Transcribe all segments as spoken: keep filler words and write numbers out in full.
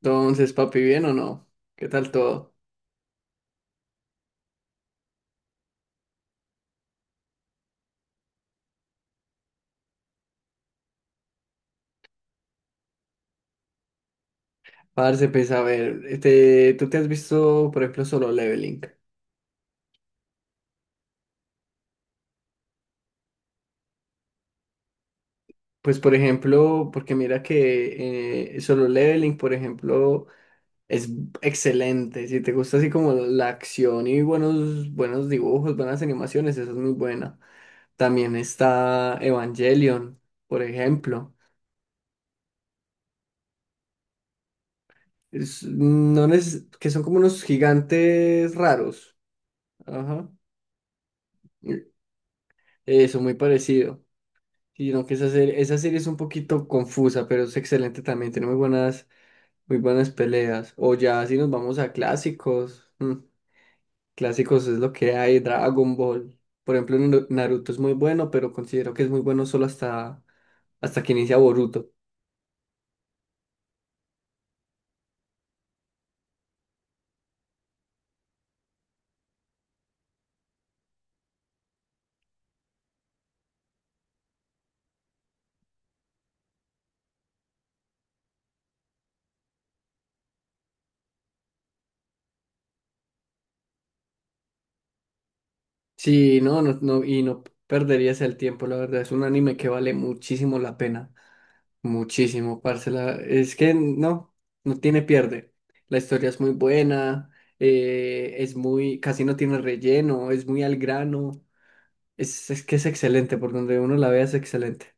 Entonces, papi, ¿bien o no? ¿Qué tal todo? Parce, pues a ver, este, tú te has visto, por ejemplo, Solo Leveling. Pues, por ejemplo, porque mira que eh, Solo Leveling, por ejemplo, es excelente. Si te gusta así como la acción y buenos, buenos dibujos, buenas animaciones, esa es muy buena. También está Evangelion, por ejemplo. Es- no neces- que son como unos gigantes raros. Ajá. Eso, muy parecido. Y no, que esa serie, esa serie es un poquito confusa, pero es excelente también. Tiene muy buenas, muy buenas peleas. O ya si nos vamos a clásicos. Mm, clásicos es lo que hay, Dragon Ball. Por ejemplo, Naru- Naruto es muy bueno, pero considero que es muy bueno solo hasta, hasta que inicia Boruto. Sí, no, no, no, y no perderías el tiempo, la verdad. Es un anime que vale muchísimo la pena. Muchísimo, parce. la- Es que no, no tiene pierde. La historia es muy buena, eh, es muy, casi no tiene relleno, es muy al grano. Es, es que es excelente, por donde uno la vea es excelente.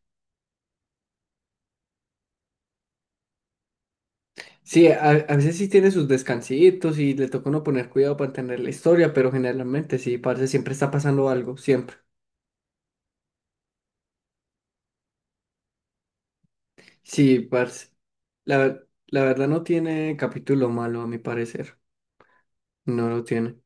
Sí, a, a veces sí tiene sus descansitos y le toca uno poner cuidado para entender la historia, pero generalmente sí, parce, siempre está pasando algo, siempre. Sí, parce. La, ver- la verdad no tiene capítulo malo, a mi parecer. No lo tiene.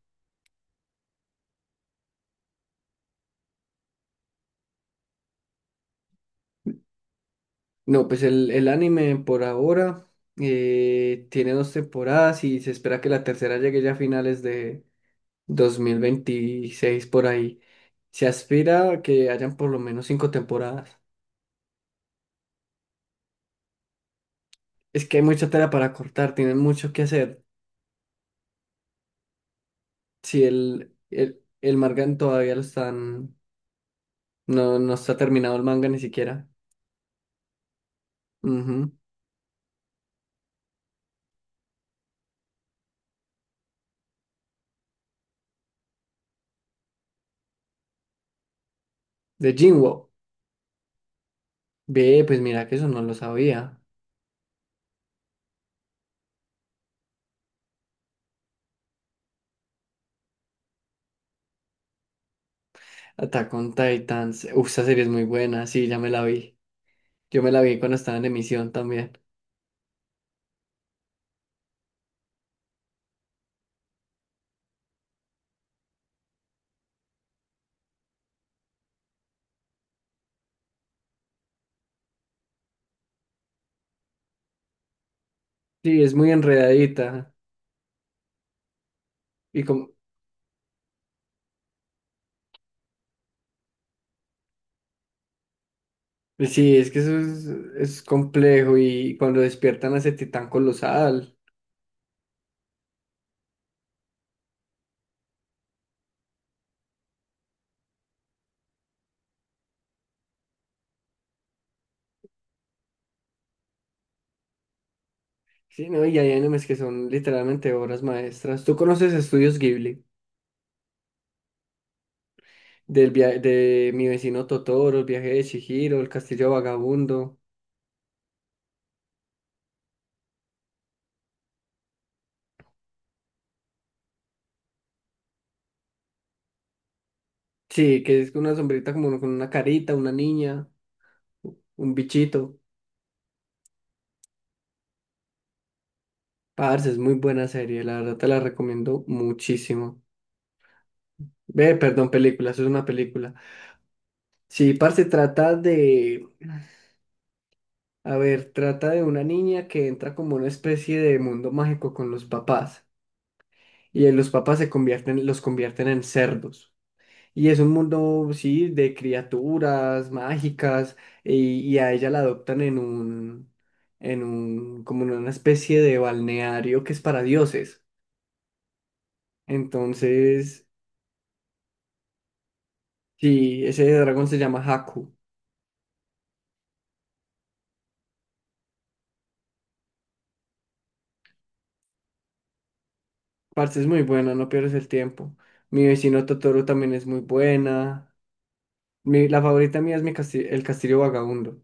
No, pues el, el anime por ahora eh, tiene dos temporadas y se espera que la tercera llegue ya a finales de dos mil veintiséis por ahí. Se aspira a que hayan por lo menos cinco temporadas. Es que hay mucha tela para cortar, tienen mucho que hacer. Si el, el, el manga todavía lo están, no, no está terminado el manga ni siquiera. Ujú. De Jinwoo. Ve, pues mira que eso no lo sabía. Attack on Titans. Uf, esa serie es muy buena, sí, ya me la vi. Yo me la vi cuando estaba en emisión también. Sí, es muy enredadita. Y como, sí, es que eso es, es complejo. Y cuando despiertan a ese titán colosal. Sí, no, y hay animes que son literalmente obras maestras. ¿Tú conoces Estudios Ghibli? Del via- de mi vecino Totoro, el viaje de Chihiro, el castillo vagabundo. Sí, que es una sombrita como con una carita, una niña, un bichito. Parce, es muy buena serie, la verdad te la recomiendo muchísimo. Ve, perdón, película, eso es una película. Sí, parce, trata de, a ver, trata de una niña que entra como una especie de mundo mágico con los papás y eh, los papás se convierten, los convierten en cerdos. Y es un mundo, sí, de criaturas mágicas y, y a ella la adoptan en un, en un, como en una especie de balneario que es para dioses. Entonces, sí, ese dragón se llama Haku. Parce, es muy buena, no pierdes el tiempo. Mi vecino Totoro también es muy buena. Mi, la favorita mía es mi casti- El Castillo Vagabundo.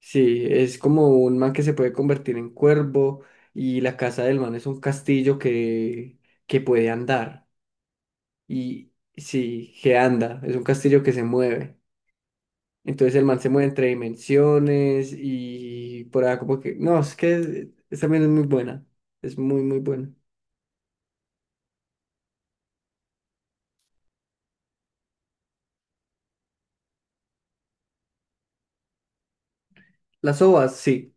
Sí, es como un man que se puede convertir en cuervo y la casa del man es un castillo que, que puede andar. Y sí, que anda, es un castillo que se mueve. Entonces el man se mueve entre dimensiones y por ahí como que. No, es que es- es- también es muy buena. Es muy, muy buena. Las ovas, sí.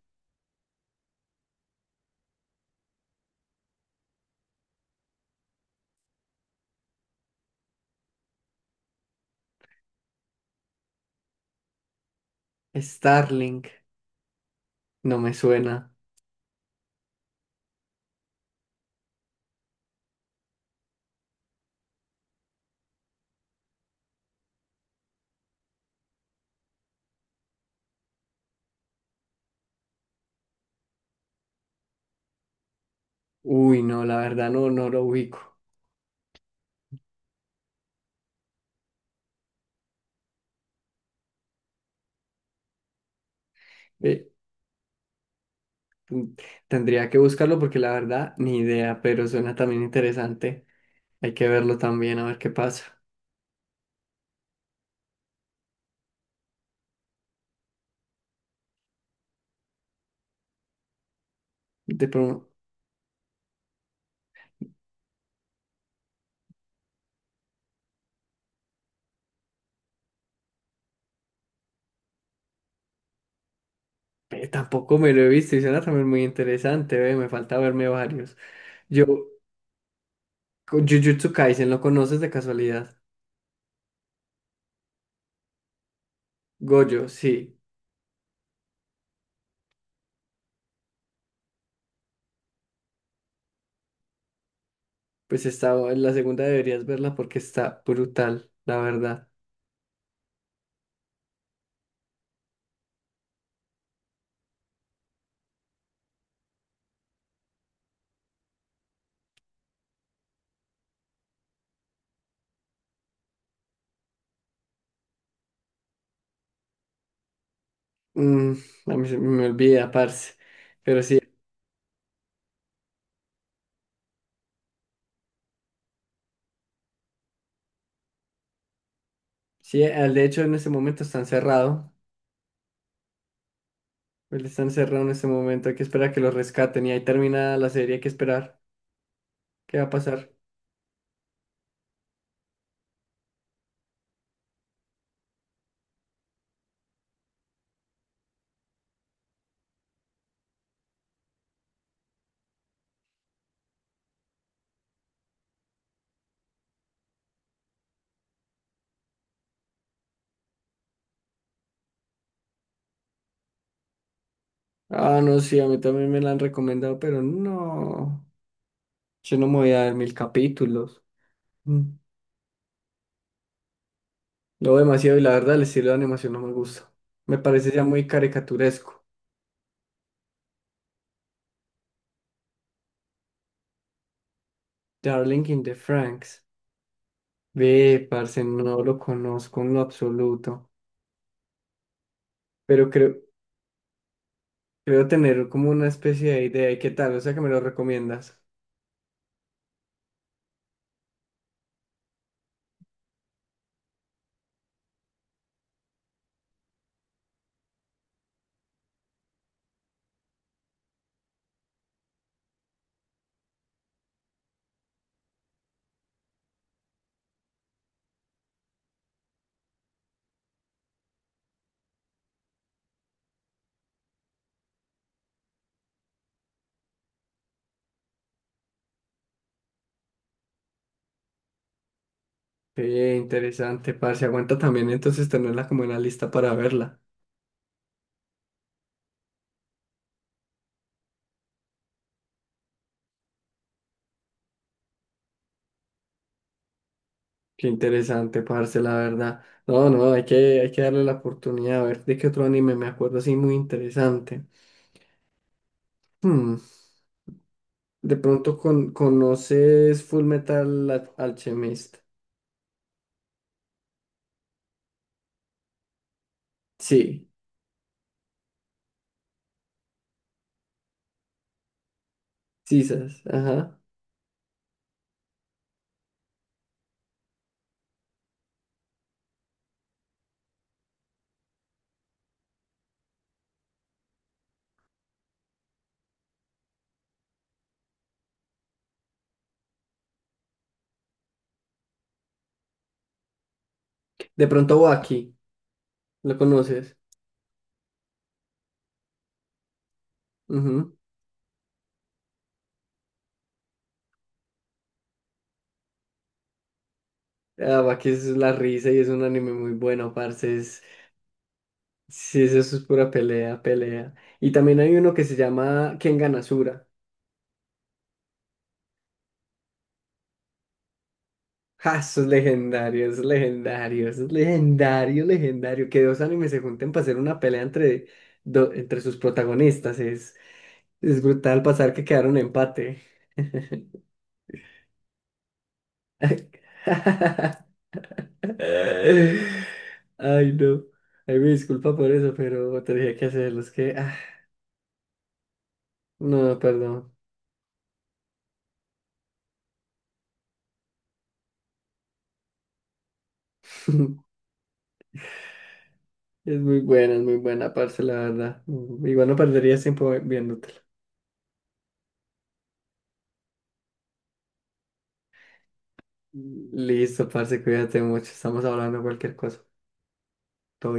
Starlink, no me suena. Uy, no, la verdad no, no lo ubico. Eh, Mm, Tendría que buscarlo porque la verdad, ni idea, pero suena también interesante. Hay que verlo también, a ver qué pasa. De pro- eh, Tampoco me lo he visto y suena también muy interesante, ve, me falta verme varios. Yo, co- Jujutsu Kaisen, ¿lo conoces de casualidad? Gojo, sí. Pues está, la segunda deberías verla porque está brutal, la verdad. Mm, a mí se me olvida, parce. Pero sí, sí, eh, de hecho en este momento está encerrado. Él está encerrado en este momento, hay que esperar a que lo rescaten y ahí termina la serie, hay que esperar. ¿Qué va a pasar? Ah, no, sí, a mí también me la han recomendado, pero no. Yo no me voy a dar mil capítulos. Mm. Lo veo demasiado y la verdad el estilo de animación no me gusta. Me parece ya muy caricaturesco. Darling in the Franks. Ve, parce, no lo conozco en lo absoluto. Pero creo, creo tener como una especie de idea. ¿Y qué tal? O sea, que me lo recomiendas. Qué interesante, parce. Aguanta también entonces tenerla como en la lista para verla. Qué interesante, parce, la verdad. No, no, hay que, hay que darle la oportunidad a ver de qué otro anime me acuerdo así muy interesante. Hmm, De pronto con, conoces Full Metal Al- Alchemist. Sí, sisas, ajá. De pronto Baki, ¿lo conoces? Ujú. Ah, Baki es la risa y es un anime muy bueno, parce. Es, sí, eso es pura pelea, pelea. Y también hay uno que se llama Kengan Asura. Ja, eso es legendario, eso es legendario, eso es legendario, legendario. Que dos animes se junten para hacer una pelea entre, do- entre sus protagonistas. Es, es brutal pasar que quedaron empate. Ay, no. Ay, me disculpa por eso, pero tenía que hacerlo. Es que, ah, no, perdón. Es muy buena, es muy buena, parce, la verdad. Mm, Igual no perderías tiempo viéndotela. Listo, parce, cuídate mucho. Estamos hablando de cualquier cosa. Todo bien.